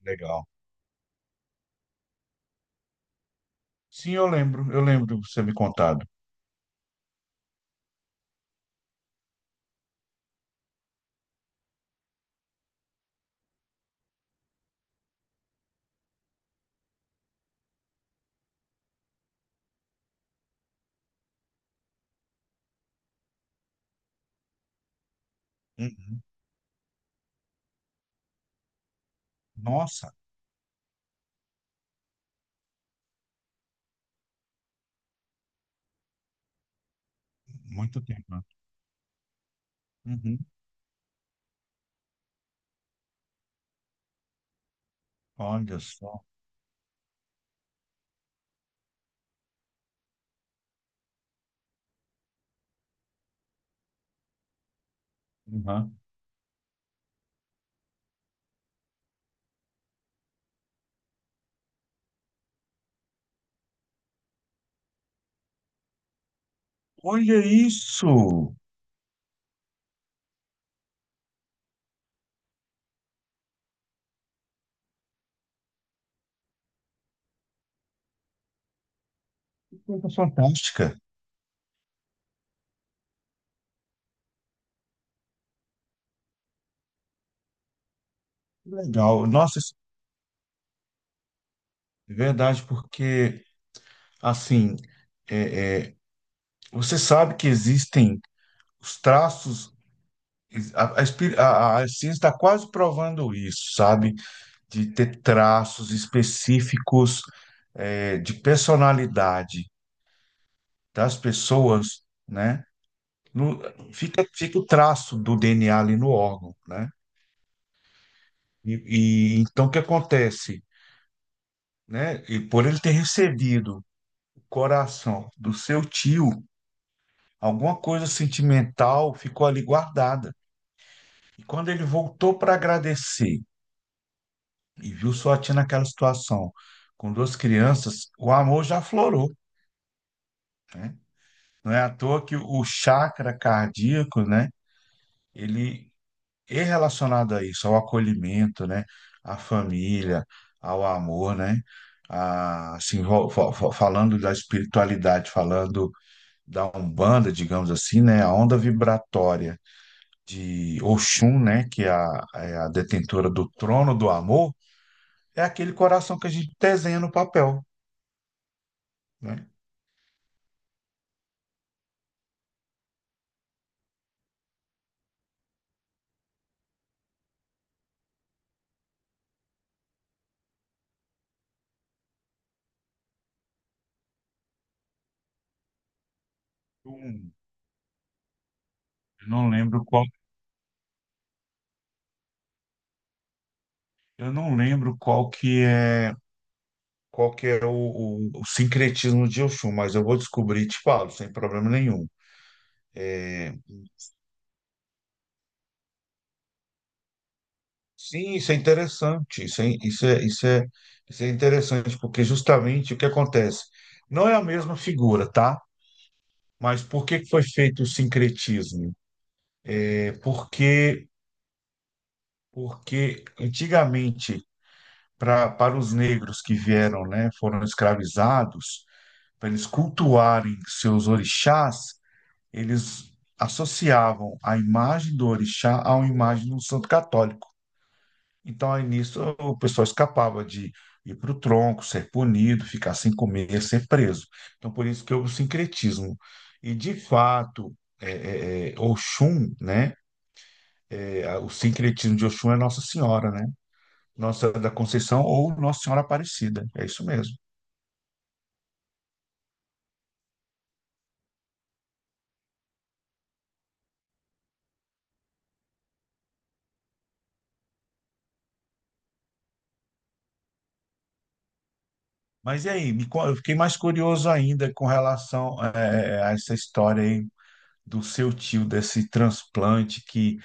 Legal. Sim, eu lembro de você me contado. Uhum. Nossa, muito tempo, né? Uhum. Olha só. Uhum. Olha isso! Que coisa fantástica! Que legal! Nossa, isso é verdade, porque, assim, é, é, você sabe que existem os traços, a, espir- a ciência está quase provando isso, sabe? De ter traços específicos, de personalidade das pessoas, né? No- fica o traço do DNA ali no órgão, né? E, e então o que acontece, né? E por ele ter recebido o coração do seu tio, alguma coisa sentimental ficou ali guardada. E quando ele voltou para agradecer e viu sua tia naquela situação com duas crianças, o amor já aflorou, né? Não é à toa que o chakra cardíaco, né? Ele E relacionado a isso, ao acolhimento, né? À família, ao amor, né? Assim, falando da espiritualidade, falando da Umbanda, digamos assim, né? A onda vibratória de Oxum, né? Que é a detentora do trono do amor, é aquele coração que a gente desenha no papel, né? Hum, Eu não lembro qual, eu não lembro qual que é o sincretismo de Oxum, mas eu vou descobrir e te falo, sem problema nenhum. É, sim, isso é interessante. Isso é interessante, porque justamente o que acontece? Não é a mesma figura, tá? Mas por que que foi feito o sincretismo? É porque, Porque antigamente, para os negros que vieram, né, foram escravizados, para eles cultuarem seus orixás, eles associavam a imagem do orixá à imagem de um santo católico. Então, aí nisso, o pessoal escapava de ir para o tronco, ser punido, ficar sem comer, ser preso. Então, por isso que houve o sincretismo. E, de fato, é, Oxum, né? É, o sincretismo de Oxum é Nossa Senhora, né? Nossa da Conceição ou Nossa Senhora Aparecida. É isso mesmo. Mas e aí? Eu fiquei mais curioso ainda com relação a essa história aí do seu tio, desse transplante que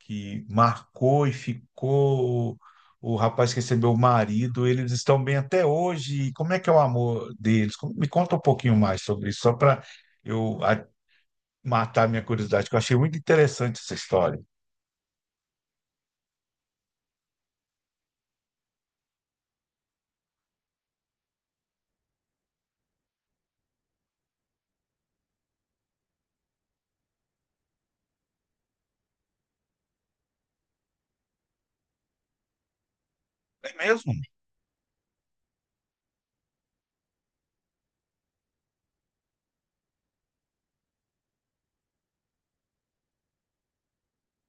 que marcou e ficou. O rapaz que recebeu o marido, eles estão bem até hoje. E como é que é o amor deles? Me conta um pouquinho mais sobre isso, só para eu a- matar minha curiosidade, que eu achei muito interessante essa história. É mesmo?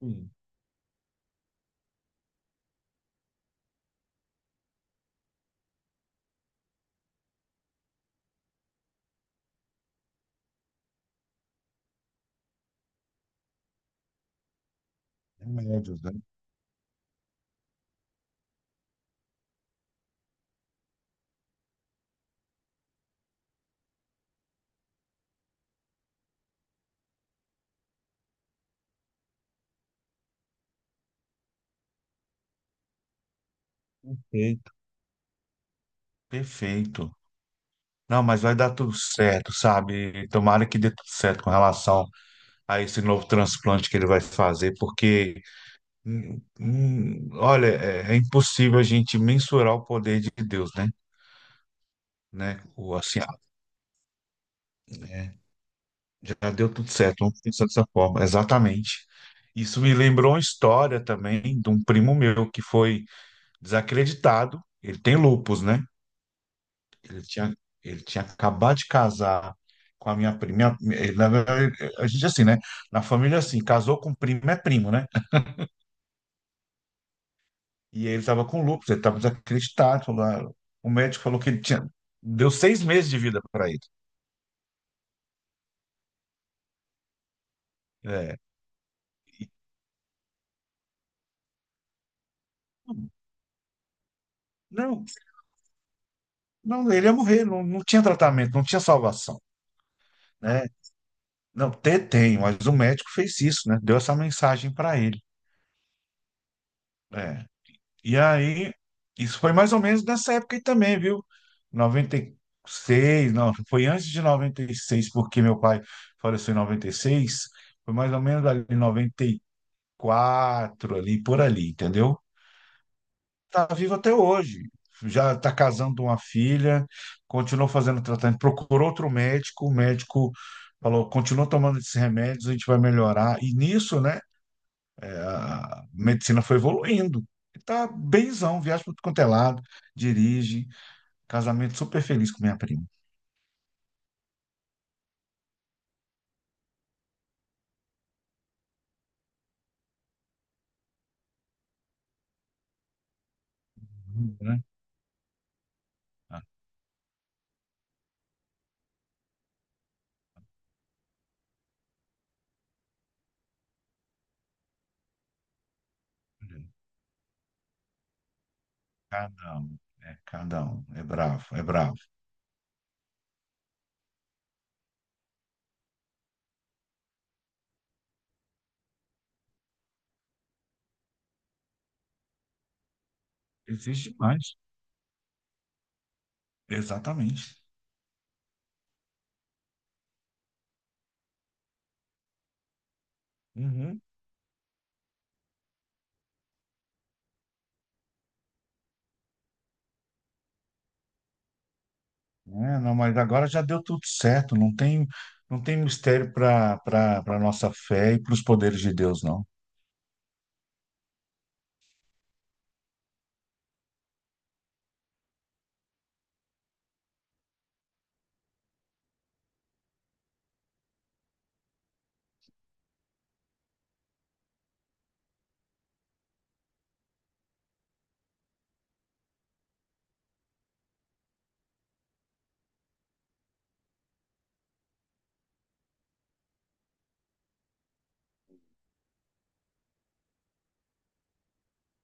Sim, remédios, né? Perfeito. Perfeito. Não, mas vai dar tudo certo, sabe? Tomara que dê tudo certo com relação a esse novo transplante que ele vai fazer, porque olha, é impossível a gente mensurar o poder de Deus, né? Né? Ou assim, já deu tudo certo, vamos pensar dessa forma, exatamente. Isso me lembrou uma história também de um primo meu que foi desacreditado. Ele tem lupus, né? Ele tinha, ele tinha acabado de casar com a minha prima. Na verdade, a gente, assim, né? Na família, assim, casou com primo é primo, né? E aí ele estava com lúpus, ele estava desacreditado. O médico falou que ele tinha. Deu 6 meses de vida para ele. É. Não, não, ele ia morrer, não, não tinha tratamento, não tinha salvação, né? Não, ter tem, mas o médico fez isso, né? Deu essa mensagem para ele. É. E aí, isso foi mais ou menos nessa época aí também, viu? 96, não, foi antes de 96, porque meu pai faleceu em 96, foi mais ou menos ali em 94, ali, por ali, entendeu? Está vivo até hoje. Já está casando uma filha, continuou fazendo tratamento, procurou outro médico, o médico falou, continua tomando esses remédios, a gente vai melhorar. E nisso, né, a medicina foi evoluindo. Está benzão, viaja para tudo quanto é lado, dirige, casamento super feliz com minha prima. Uhum. Né? Ah, cada um, é cada um, é bravo, é bravo. Existe mais. Exatamente. Uhum. É, não, mas agora já deu tudo certo, não tem mistério para nossa fé e para os poderes de Deus, não.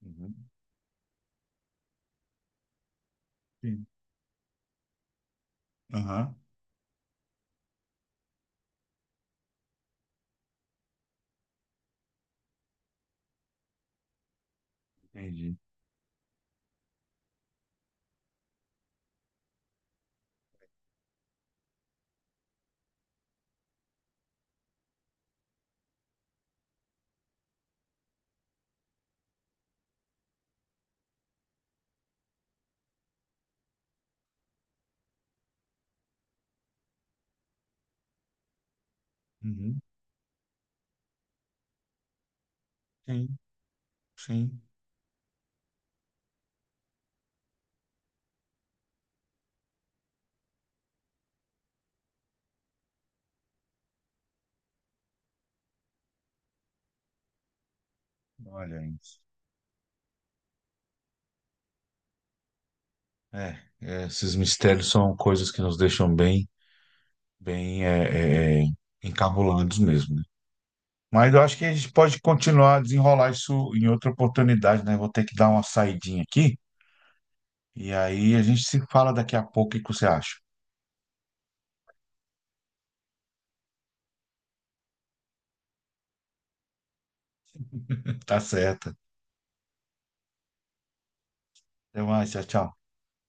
Uhum. Sim. Aham, entendi. Uhum. Sim, sim. Olha isso. Esses mistérios são coisas que nos deixam bem, bem, encabulados mesmo, né? Mas eu acho que a gente pode continuar a desenrolar isso em outra oportunidade, né? Vou ter que dar uma saidinha aqui e aí a gente se fala daqui a pouco. O que que você acha? Tá certo. Até mais, tchau, tchau.